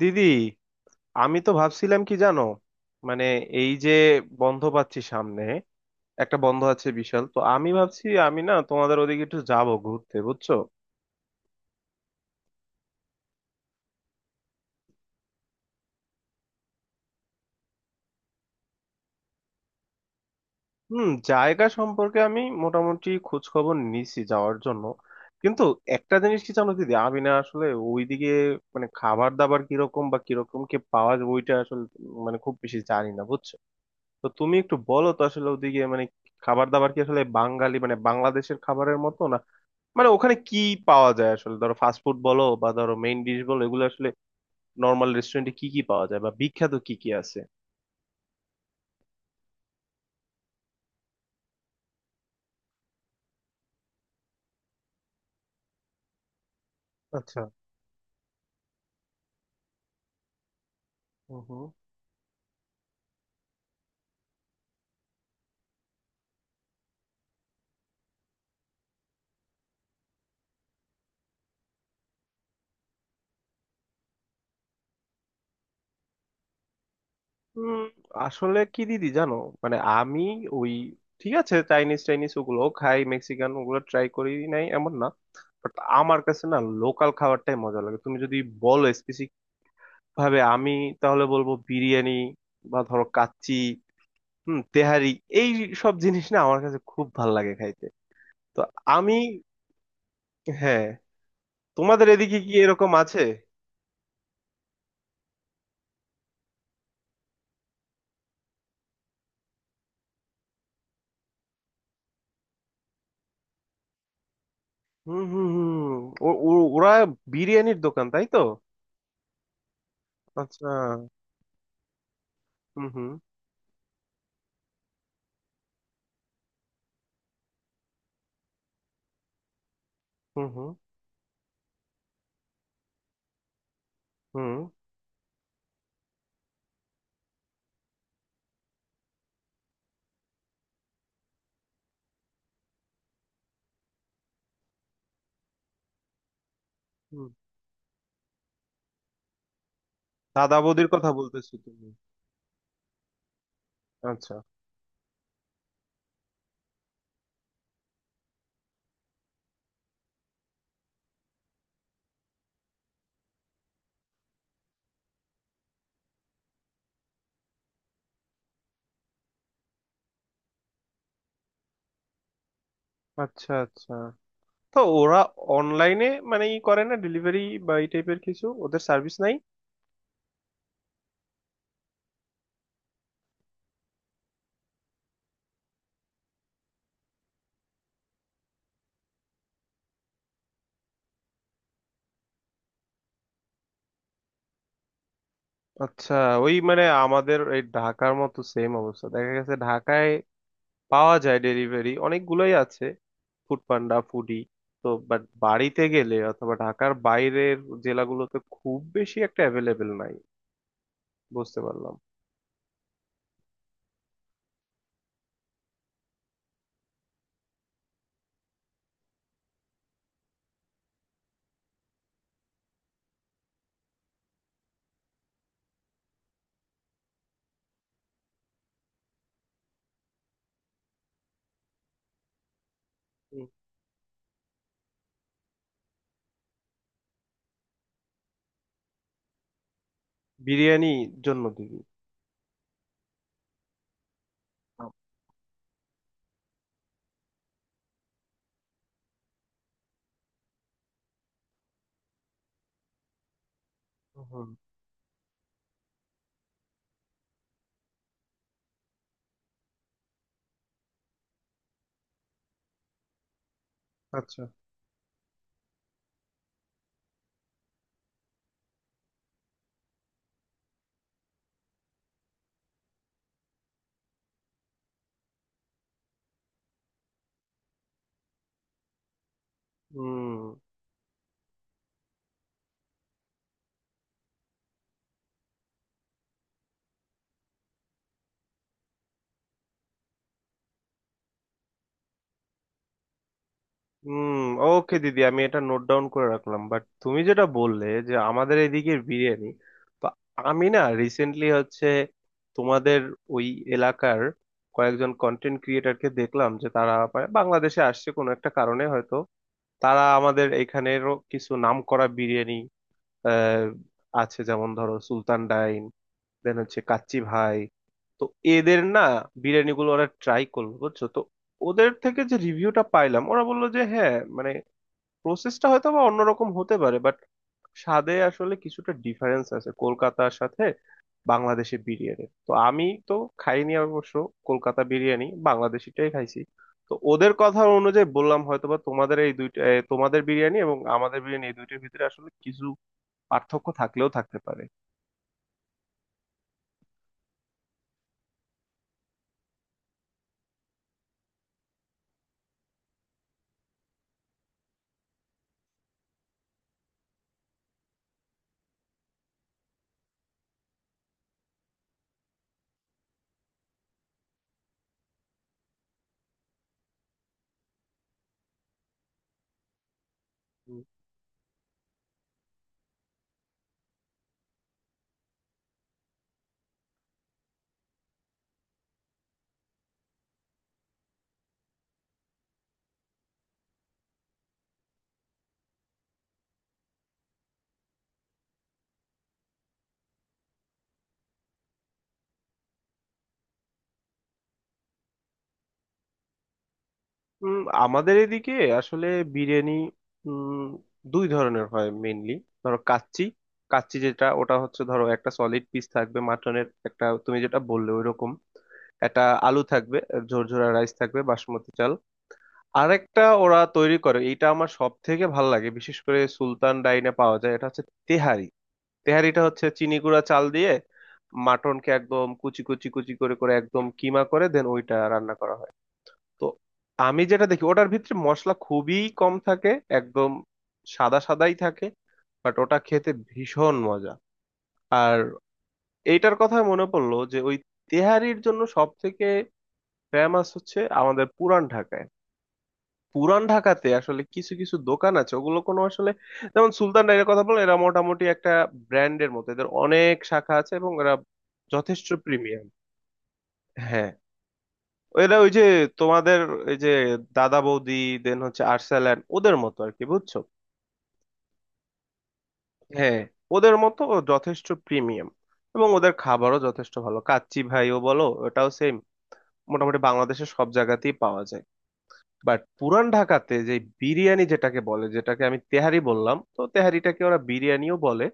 দিদি, আমি তো ভাবছিলাম কি জানো, মানে এই যে বন্ধ পাচ্ছি সামনে, একটা বন্ধ আছে বিশাল, তো আমি ভাবছি আমি না তোমাদের ওদিকে একটু যাব ঘুরতে, বুঝছো। হুম, জায়গা সম্পর্কে আমি মোটামুটি খোঁজ খবর নিছি যাওয়ার জন্য, কিন্তু একটা জিনিস কি জানো দিদি, আমি না আসলে ওইদিকে মানে খাবার দাবার কিরকম বা কিরকম কি পাওয়া যায় ওইটা আসলে মানে খুব বেশি জানি না, বুঝছো। তো তুমি একটু বলো তো আসলে ওদিকে মানে খাবার দাবার কি আসলে বাঙালি মানে বাংলাদেশের খাবারের মতো, মানে ওখানে কি পাওয়া যায় আসলে? ধরো ফাস্টফুড বলো বা ধরো মেইন ডিশ বলো, এগুলো আসলে নর্মাল রেস্টুরেন্টে কি কি পাওয়া যায় বা বিখ্যাত কি কি আছে? আচ্ছা। হুম, হুম। উম, আসলে কি দিদি জানো, মানে আমি ওই, ঠিক আছে চাইনিজ চাইনিজ ওগুলো খাই, মেক্সিকান ওগুলো ট্রাই করি নাই এমন না, বাট আমার কাছে না লোকাল খাবারটাই মজা লাগে। তুমি যদি বলো স্পেসিফিক ভাবে, আমি তাহলে বলবো বিরিয়ানি, বা ধরো কাচ্চি, হুম তেহারি, এই সব জিনিস না আমার কাছে খুব ভাল লাগে খাইতে। তো আমি, হ্যাঁ, তোমাদের এদিকে কি এরকম আছে? হুম, হুম, হুম। ওরা বিরিয়ানির দোকান তাই তো? আচ্ছা। হুম, হুম, হুম, হুম, হুম, হুম। দাদা বৌদির কথা বলতেছো তুমি? আচ্ছা, আচ্ছা, আচ্ছা। তো ওরা অনলাইনে মানে ই করে না ডেলিভারি বা এই টাইপের কিছু, ওদের সার্ভিস নাই? আচ্ছা। ওই মানে আমাদের এই ঢাকার মতো সেম অবস্থা, দেখা গেছে ঢাকায় পাওয়া যায় ডেলিভারি, অনেকগুলোই আছে, ফুড পান্ডা, ফুডি। তো বাট বাড়িতে গেলে অথবা ঢাকার বাইরের জেলাগুলোতে খুব বেশি একটা অ্যাভেলেবেল নাই। বুঝতে পারলাম। হুম। বিরিয়ানি জন্য দিবি? হুম। আচ্ছা। হুম, হুম। ওকে দিদি, আমি এটা নোট ডাউন করে রাখলাম। বাট তুমি যেটা বললে যে আমাদের এদিকের বিরিয়ানি, তো আমি না রিসেন্টলি হচ্ছে তোমাদের ওই এলাকার কয়েকজন কন্টেন্ট ক্রিয়েটারকে দেখলাম যে তারা বাংলাদেশে আসছে কোনো একটা কারণে, হয়তো তারা আমাদের এখানেরও কিছু নামকরা বিরিয়ানি, আহ আছে যেমন ধরো সুলতান ডাইন, দেন হচ্ছে কাচ্চি ভাই, তো এদের না বিরিয়ানিগুলো ওরা ট্রাই করলো, বুঝছো তো। ওদের থেকে যে রিভিউটা পাইলাম, ওরা বললো যে হ্যাঁ মানে প্রসেসটা হয়তো বা অন্যরকম হতে পারে, বাট স্বাদে আসলে কিছুটা ডিফারেন্স আছে কলকাতার সাথে। বাংলাদেশি বিরিয়ানি তো আমি তো খাইনি অবশ্য, কলকাতা বিরিয়ানি, বাংলাদেশিটাই খাইছি। তো ওদের কথা অনুযায়ী বললাম, হয়তোবা তোমাদের এই দুইটা তোমাদের বিরিয়ানি এবং আমাদের বিরিয়ানি, এই দুইটার ভিতরে আসলে কিছু পার্থক্য থাকলেও থাকতে পারে। উম, আমাদের এদিকে আসলে বিরিয়ানি উম, দুই ধরনের হয় মেইনলি। ধরো কাচ্চি, কাচ্চি যেটা ওটা হচ্ছে ধরো একটা সলিড পিস থাকবে মাটনের, একটা তুমি যেটা বললে ওই রকম, একটা আলু থাকবে, ঝরঝরা রাইস থাকবে, বাসমতি চাল। আরেকটা ওরা তৈরি করে, এইটা আমার সব থেকে ভালো লাগে, বিশেষ করে সুলতান ডাইনে পাওয়া যায়, এটা হচ্ছে তেহারি। তেহারিটা হচ্ছে চিনি গুঁড়া চাল দিয়ে মাটনকে একদম কুচি কুচি কুচি করে করে একদম কিমা করে দেন ওইটা রান্না করা হয়। তো আমি যেটা দেখি ওটার ভিতরে মশলা খুবই কম থাকে, একদম সাদা সাদাই থাকে, বাট ওটা খেতে ভীষণ মজা। আর এইটার কথা মনে পড়লো যে ওই তেহারির জন্য সব থেকে ফেমাস হচ্ছে আমাদের পুরান ঢাকায়। পুরান ঢাকাতে আসলে কিছু কিছু দোকান আছে ওগুলো কোনো আসলে, যেমন সুলতান ডাইরের কথা বললাম, এরা মোটামুটি একটা ব্র্যান্ডের মতো, এদের অনেক শাখা আছে এবং এরা যথেষ্ট প্রিমিয়াম। হ্যাঁ, এরা ওই যে তোমাদের এই যে দাদা বৌদি, দেন হচ্ছে আর্সেল্যান্ড, ওদের মতো আর কি, বুঝছো। হ্যাঁ, ওদের মতো ও যথেষ্ট প্রিমিয়াম এবং ওদের খাবারও যথেষ্ট ভালো। কাচ্চি ভাইও বলো ওটাও সেম, মোটামুটি বাংলাদেশের সব জায়গাতেই পাওয়া যায়। বাট পুরান ঢাকাতে যে বিরিয়ানি যেটাকে বলে, যেটাকে আমি তেহারি বললাম, তো তেহারিটাকে ওরা বিরিয়ানিও বলে।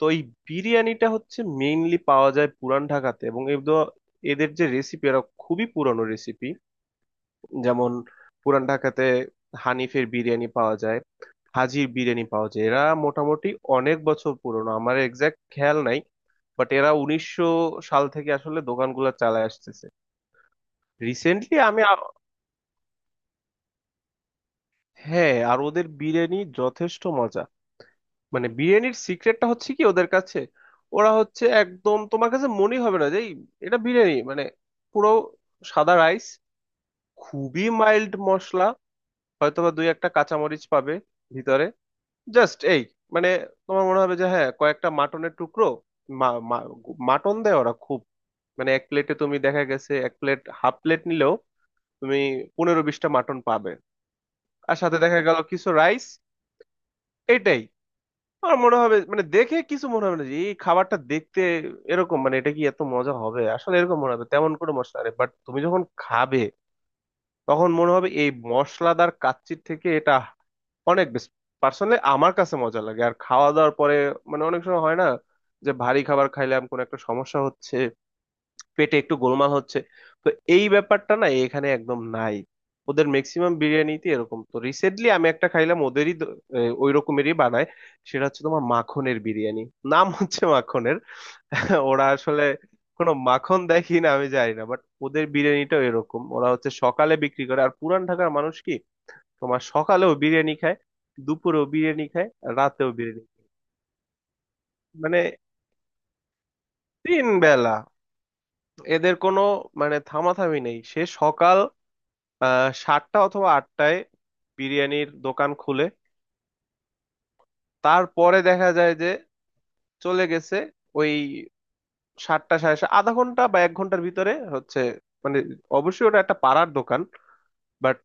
তো এই বিরিয়ানিটা হচ্ছে মেইনলি পাওয়া যায় পুরান ঢাকাতে, এবং এদের এদের যে রেসিপি এরা খুবই পুরানো রেসিপি। যেমন পুরান ঢাকাতে হানিফের বিরিয়ানি পাওয়া যায়, হাজির বিরিয়ানি পাওয়া যায়, এরা মোটামুটি অনেক বছর পুরনো। আমার এক্সাক্ট খেয়াল নাই, বাট এরা 1900 সাল থেকে আসলে দোকানগুলো চালায় আসতেছে। রিসেন্টলি আমি আ- হ্যাঁ, আর ওদের বিরিয়ানি যথেষ্ট মজা। মানে বিরিয়ানির সিক্রেটটা হচ্ছে কি ওদের কাছে, ওরা হচ্ছে একদম তোমার কাছে মনে হবে না যে এটা বিরিয়ানি, মানে পুরো সাদা রাইস, খুবই মাইল্ড মশলা, হয়তোবা দুই একটা কাঁচামরিচ পাবে ভিতরে, জাস্ট এই মানে তোমার মনে হবে যে হ্যাঁ কয়েকটা মাটনের টুকরো, মা- মা- মাটন দেয় ওরা খুব মানে এক প্লেটে, তুমি দেখা গেছে এক প্লেট হাফ প্লেট নিলেও তুমি 15-20টা মাটন পাবে, আর সাথে দেখা গেল কিছু রাইস। এটাই আমার মনে হবে, মানে দেখে কিছু মনে হবে না যে এই খাবারটা দেখতে এরকম, মানে এটা কি এত মজা হবে আসলে, এরকম মনে হবে তেমন কোনো মশলা নেই, বাট তুমি যখন খাবে তখন মনে হবে এই মশলাদার কাচ্চির থেকে এটা অনেক বেশ পার্সোনালি আমার কাছে মজা লাগে। আর খাওয়া দাওয়ার পরে, মানে অনেক সময় হয় না যে ভারী খাবার খাইলাম কোনো একটা সমস্যা হচ্ছে, পেটে একটু গোলমাল হচ্ছে, তো এই ব্যাপারটা না এখানে একদম নাই, ওদের ম্যাক্সিমাম বিরিয়ানিতে এরকম। তো রিসেন্টলি আমি একটা খাইলাম ওদেরই ওই রকমেরই বানায়, সেটা হচ্ছে তোমার মাখনের বিরিয়ানি, নাম হচ্ছে মাখনের। ওরা আসলে কোনো মাখন দেখি না, আমি জানি না, বাট ওদের বিরিয়ানিটাও এরকম। ওরা হচ্ছে সকালে বিক্রি করে, আর পুরান ঢাকার মানুষ কি তোমার সকালেও বিরিয়ানি খায়, দুপুরেও বিরিয়ানি খায়, আর রাতেও বিরিয়ানি খায়। মানে তিন বেলা, এদের কোনো মানে থামাথামি নেই। সে সকাল 7টা অথবা 8টায় বিরিয়ানির দোকান খুলে, তারপরে দেখা যায় যে চলে গেছে ওই আধা ঘন্টা বা এক ঘন্টার ভিতরে হচ্ছে, মানে অবশ্যই ওটা একটা পাড়ার দোকান, বাট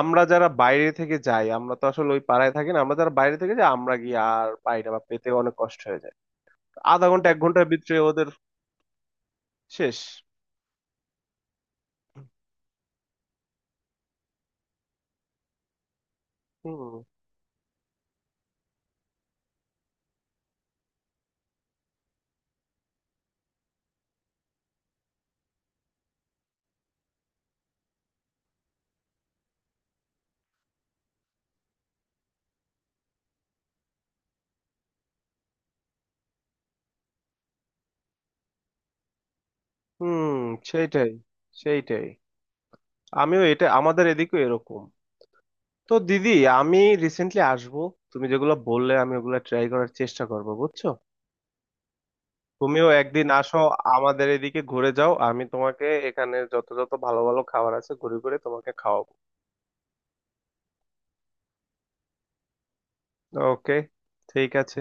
আমরা যারা বাইরে থেকে যাই আমরা তো আসলে ওই পাড়ায় থাকি না, আমরা যারা বাইরে থেকে যাই আমরা গিয়ে আর পাই না, বা পেতে অনেক কষ্ট হয়ে যায়। আধা ঘন্টা এক ঘন্টার ভিতরে ওদের শেষ। হুম, হুম। সেইটাই, সেইটাই, আমিও এটা আমাদের এদিকেও এরকম। তো দিদি, আমি রিসেন্টলি আসবো, তুমি যেগুলো বললে আমি ওগুলো ট্রাই করার চেষ্টা করবো, বুঝছো। তুমিও একদিন আসো আমাদের এদিকে, ঘুরে যাও, আমি তোমাকে এখানে যত যত ভালো ভালো খাবার আছে ঘুরে ঘুরে তোমাকে খাওয়াবো। ওকে, ঠিক আছে।